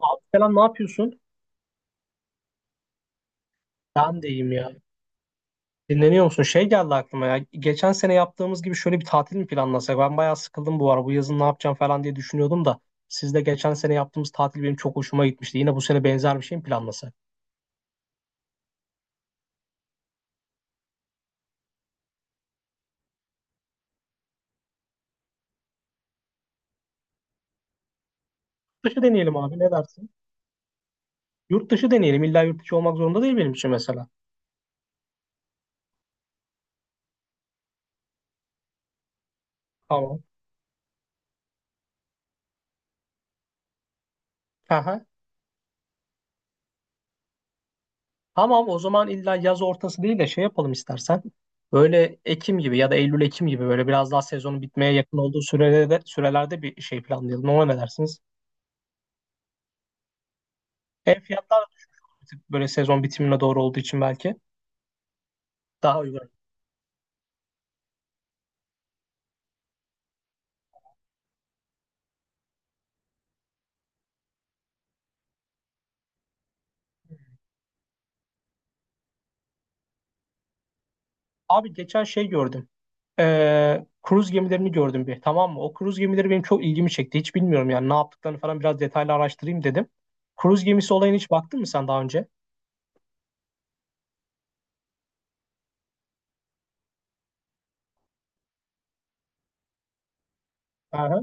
Abi falan ne yapıyorsun? Ben de iyiyim ya. Dinleniyor musun? Şey geldi aklıma ya. Geçen sene yaptığımız gibi şöyle bir tatil mi planlasak? Ben bayağı sıkıldım bu ara. Bu yazın ne yapacağım falan diye düşünüyordum da. Siz de geçen sene yaptığımız tatil benim çok hoşuma gitmişti. Yine bu sene benzer bir şey mi planlasak? Yurt dışı deneyelim abi ne dersin? Yurt dışı deneyelim. İlla yurt dışı olmak zorunda değil benim için mesela. Tamam. Aha. Tamam, o zaman illa yaz ortası değil de şey yapalım istersen. Böyle Ekim gibi ya da Eylül Ekim gibi böyle biraz daha sezonun bitmeye yakın olduğu sürelerde bir şey planlayalım. Ona ne dersiniz? Hem fiyatlar da bir tık böyle sezon bitimine doğru olduğu için belki daha uygun. Abi geçen şey gördüm. Kruz gemilerini gördüm bir. Tamam mı? O kruz gemileri benim çok ilgimi çekti. Hiç bilmiyorum yani ne yaptıklarını falan biraz detaylı araştırayım dedim. Kruz gemisi olayına hiç baktın mı sen daha önce? Aha,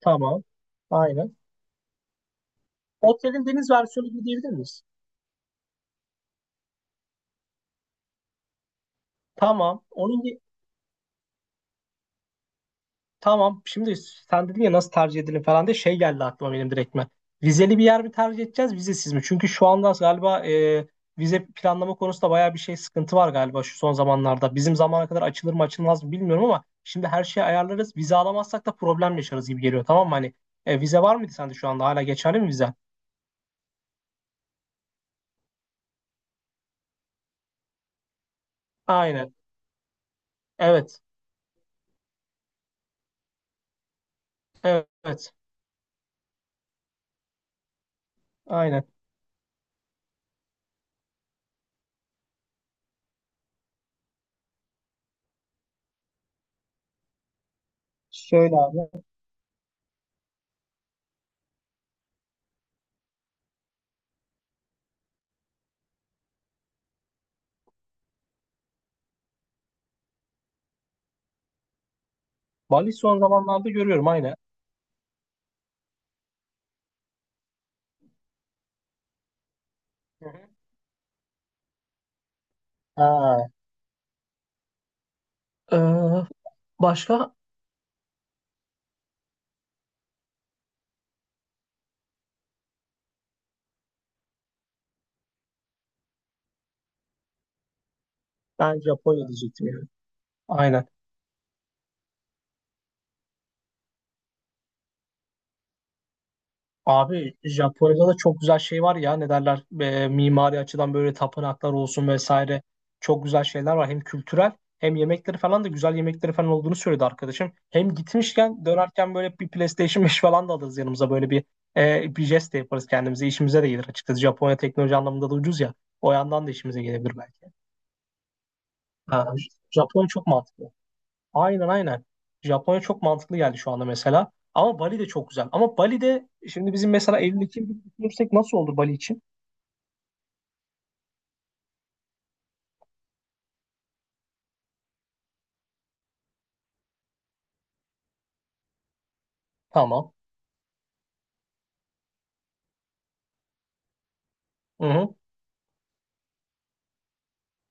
tamam. Aynen. Otelin deniz versiyonu gibi diyebilir miyiz? Tamam. Tamam. Şimdi sen dedin ya nasıl tercih edelim falan diye şey geldi aklıma benim direktmen. Vizeli bir yer mi tercih edeceğiz, vizesiz mi? Çünkü şu anda galiba vize planlama konusunda bayağı bir şey sıkıntı var galiba şu son zamanlarda. Bizim zamana kadar açılır mı açılmaz mı bilmiyorum ama şimdi her şeyi ayarlarız. Vize alamazsak da problem yaşarız gibi geliyor. Tamam mı? Hani vize var mıydı sende şu anda? Hala geçerli mi vize? Aynen. Evet. Evet. Evet. Aynen. Şöyle abi. Bali son zamanlarda görüyorum aynen. Hı hı. Ha. Ee, Başka? Ben Japonya diyecektim. Aynen. Abi Japonya'da da çok güzel şey var ya ne derler, mimari açıdan böyle tapınaklar olsun vesaire çok güzel şeyler var, hem kültürel hem yemekleri falan da güzel, yemekleri falan olduğunu söyledi arkadaşım. Hem gitmişken dönerken böyle bir PlayStation 5 falan da alırız yanımıza, böyle bir bir jest de yaparız kendimize, işimize de gelir açıkçası. Japonya teknoloji anlamında da ucuz ya, o yandan da işimize gelebilir belki. Ha, Japonya çok mantıklı. Aynen, aynen. Japonya çok mantıklı geldi şu anda mesela. Ama Bali de çok güzel. Ama Bali'de şimdi bizim mesela Eylül Ekim gibi düşünürsek nasıl olur Bali için? Tamam. Hı hı.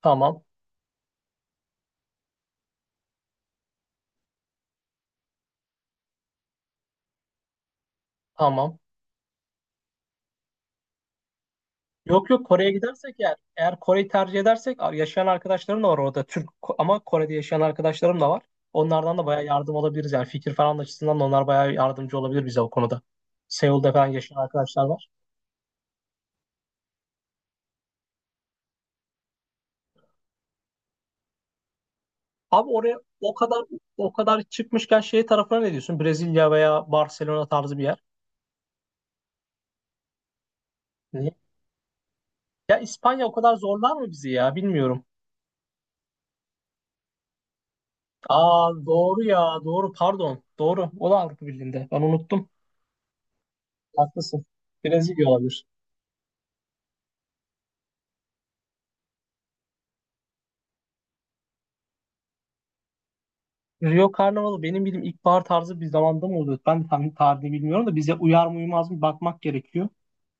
Tamam. Tamam. Yok yok, Kore'ye gidersek eğer Kore'yi tercih edersek yaşayan arkadaşlarım da var orada, ama Kore'de yaşayan arkadaşlarım da var. Onlardan da bayağı yardım alabiliriz yani, fikir falan açısından da onlar bayağı yardımcı olabilir bize o konuda. Seul'de falan yaşayan arkadaşlar var. Abi oraya o kadar çıkmışken şey tarafına ne diyorsun? Brezilya veya Barcelona tarzı bir yer. Niye? Ya İspanya o kadar zorlar mı bizi ya? Bilmiyorum. Aa doğru ya. Doğru, pardon. Doğru. O da Avrupa Birliği'nde. Ben unuttum. Haklısın. Brezilya olabilir. Rio Karnavalı benim bildiğim ilkbahar tarzı bir zamanda mı oluyor? Ben tam tarihini bilmiyorum da bize uyar mı uymaz mı bakmak gerekiyor.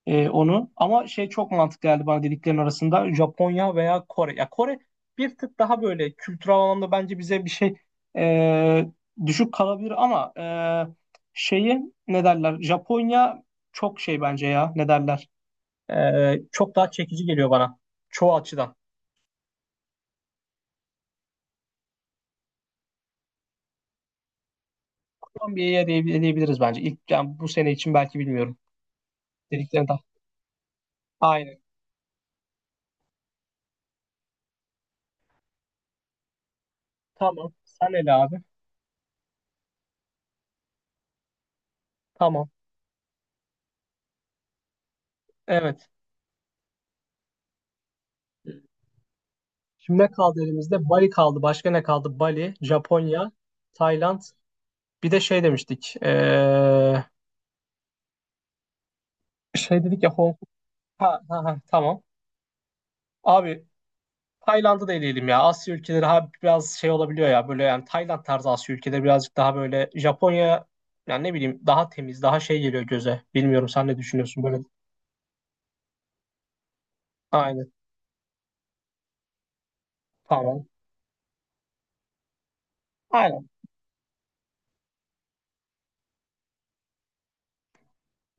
Onu. Ama şey çok mantıklı geldi bana dediklerin arasında, Japonya veya Kore. Ya Kore bir tık daha böyle kültürel anlamda bence bize bir şey e, düşük kalabilir ama şeyi, ne derler? Japonya çok şey bence ya, ne derler? Çok daha çekici geliyor bana çoğu açıdan. Kolombiya'ya diyebiliriz bence. İlk yani bu sene için, belki bilmiyorum dediklerini daha. Aynen. Tamam. Sen ele abi. Tamam. Evet. Şimdi ne kaldı elimizde? Bali kaldı. Başka ne kaldı? Bali, Japonya, Tayland. Bir de şey demiştik. Şey dedik ya, Hong Kong. Ha, ha, ha, tamam. Abi Tayland'ı da eleyelim ya. Asya ülkeleri ha, biraz şey olabiliyor ya. Böyle yani Tayland tarzı Asya ülkeleri birazcık daha böyle, Japonya yani ne bileyim daha temiz, daha şey geliyor göze. Bilmiyorum, sen ne düşünüyorsun böyle? Aynen. Tamam. Aynen.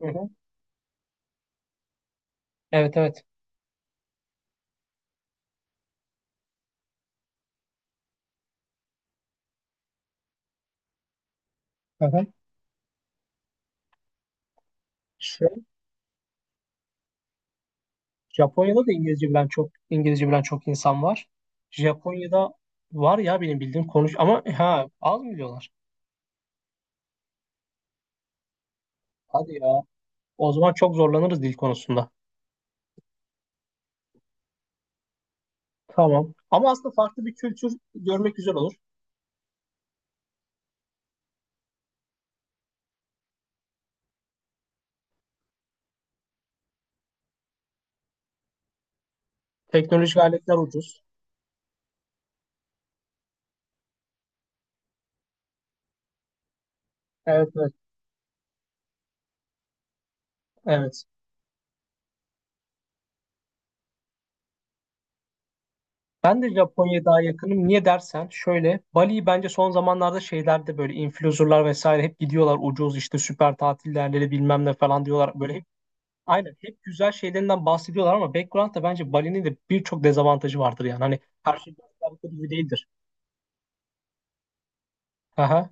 Hı hı. Evet, evet. Hı hı. Japonya'da da İngilizce bilen çok insan var. Japonya'da var ya benim bildiğim, konuş ama ha, az mı biliyorlar? Hadi ya. O zaman çok zorlanırız dil konusunda. Tamam. Ama aslında farklı bir kültür görmek güzel olur. Teknolojik aletler ucuz. Evet, evet, evet. Ben de Japonya'ya daha yakınım. Niye dersen, şöyle, Bali'yi bence son zamanlarda şeylerde böyle influencerlar vesaire hep gidiyorlar, ucuz işte, süper tatil yerleri bilmem ne falan diyorlar. Böyle aynen hep güzel şeylerinden bahsediyorlar ama background'da bence Bali'nin de birçok dezavantajı vardır yani. Hani her şey gösterdiği gibi değildir. Aha.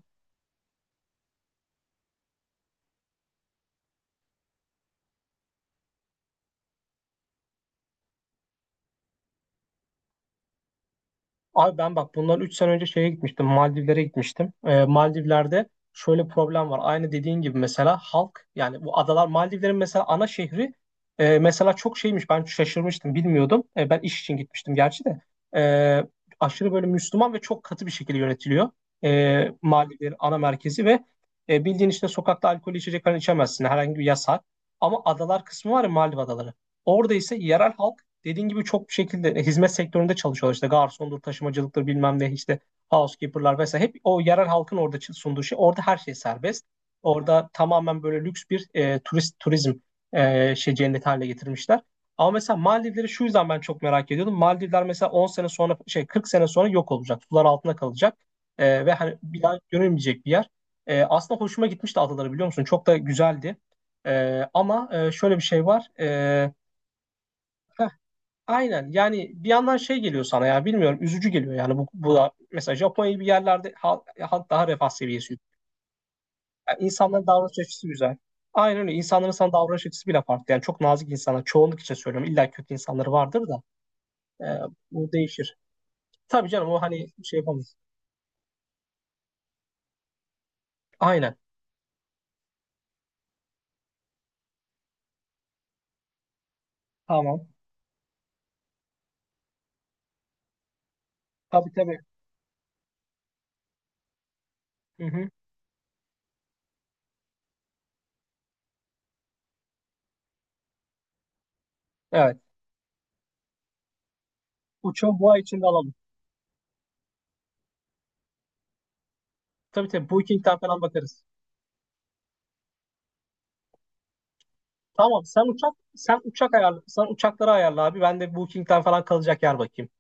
Abi ben bak, bundan 3 sene önce şeye gitmiştim. Maldivlere gitmiştim. Maldivler'de şöyle problem var. Aynı dediğin gibi mesela halk, yani bu adalar, Maldivlerin mesela ana şehri mesela çok şeymiş. Ben şaşırmıştım, bilmiyordum. Ben iş için gitmiştim gerçi de. E, Aşırı böyle Müslüman ve çok katı bir şekilde yönetiliyor. Maldivlerin ana merkezi ve bildiğin işte sokakta alkol içecek falan içemezsin. Herhangi bir yasak. Ama adalar kısmı var ya, Maldiv adaları. Orada ise yerel halk dediğin gibi çok bir şekilde hizmet sektöründe çalışıyorlar. İşte garsondur, taşımacılıktır, bilmem ne, işte housekeeper'lar vesaire. Hep o yerel halkın orada sunduğu şey. Orada her şey serbest. Orada tamamen böyle lüks bir turist, turizm şey cenneti haline getirmişler. Ama mesela Maldivleri şu yüzden ben çok merak ediyordum. Maldivler mesela 10 sene sonra şey, 40 sene sonra yok olacak. Sular altında kalacak. Ve hani bir daha görülmeyecek bir yer. Aslında hoşuma gitmişti adaları, biliyor musun? Çok da güzeldi. Ama şöyle bir şey var. Heh, Aynen yani, bir yandan şey geliyor sana ya, bilmiyorum, üzücü geliyor yani. Bu da mesela Japonya gibi yerlerde halk daha, refah seviyesi yüksek. Yani insanların davranış açısı güzel. Aynen öyle, insanların sana davranış açısı bile farklı yani, çok nazik insanlar, çoğunluk için söylüyorum, illa kötü insanları vardır da e, bu değişir. Tabii canım, o hani şey yapamayız. Aynen, tamam, tabii tabii, hı hı. Evet, uçağı bu ay içinde alalım. Tabii tabii, Booking'den falan bakarız. Tamam, sen uçak ayarla, sen uçakları ayarla abi, ben de Booking'den falan kalacak yer bakayım.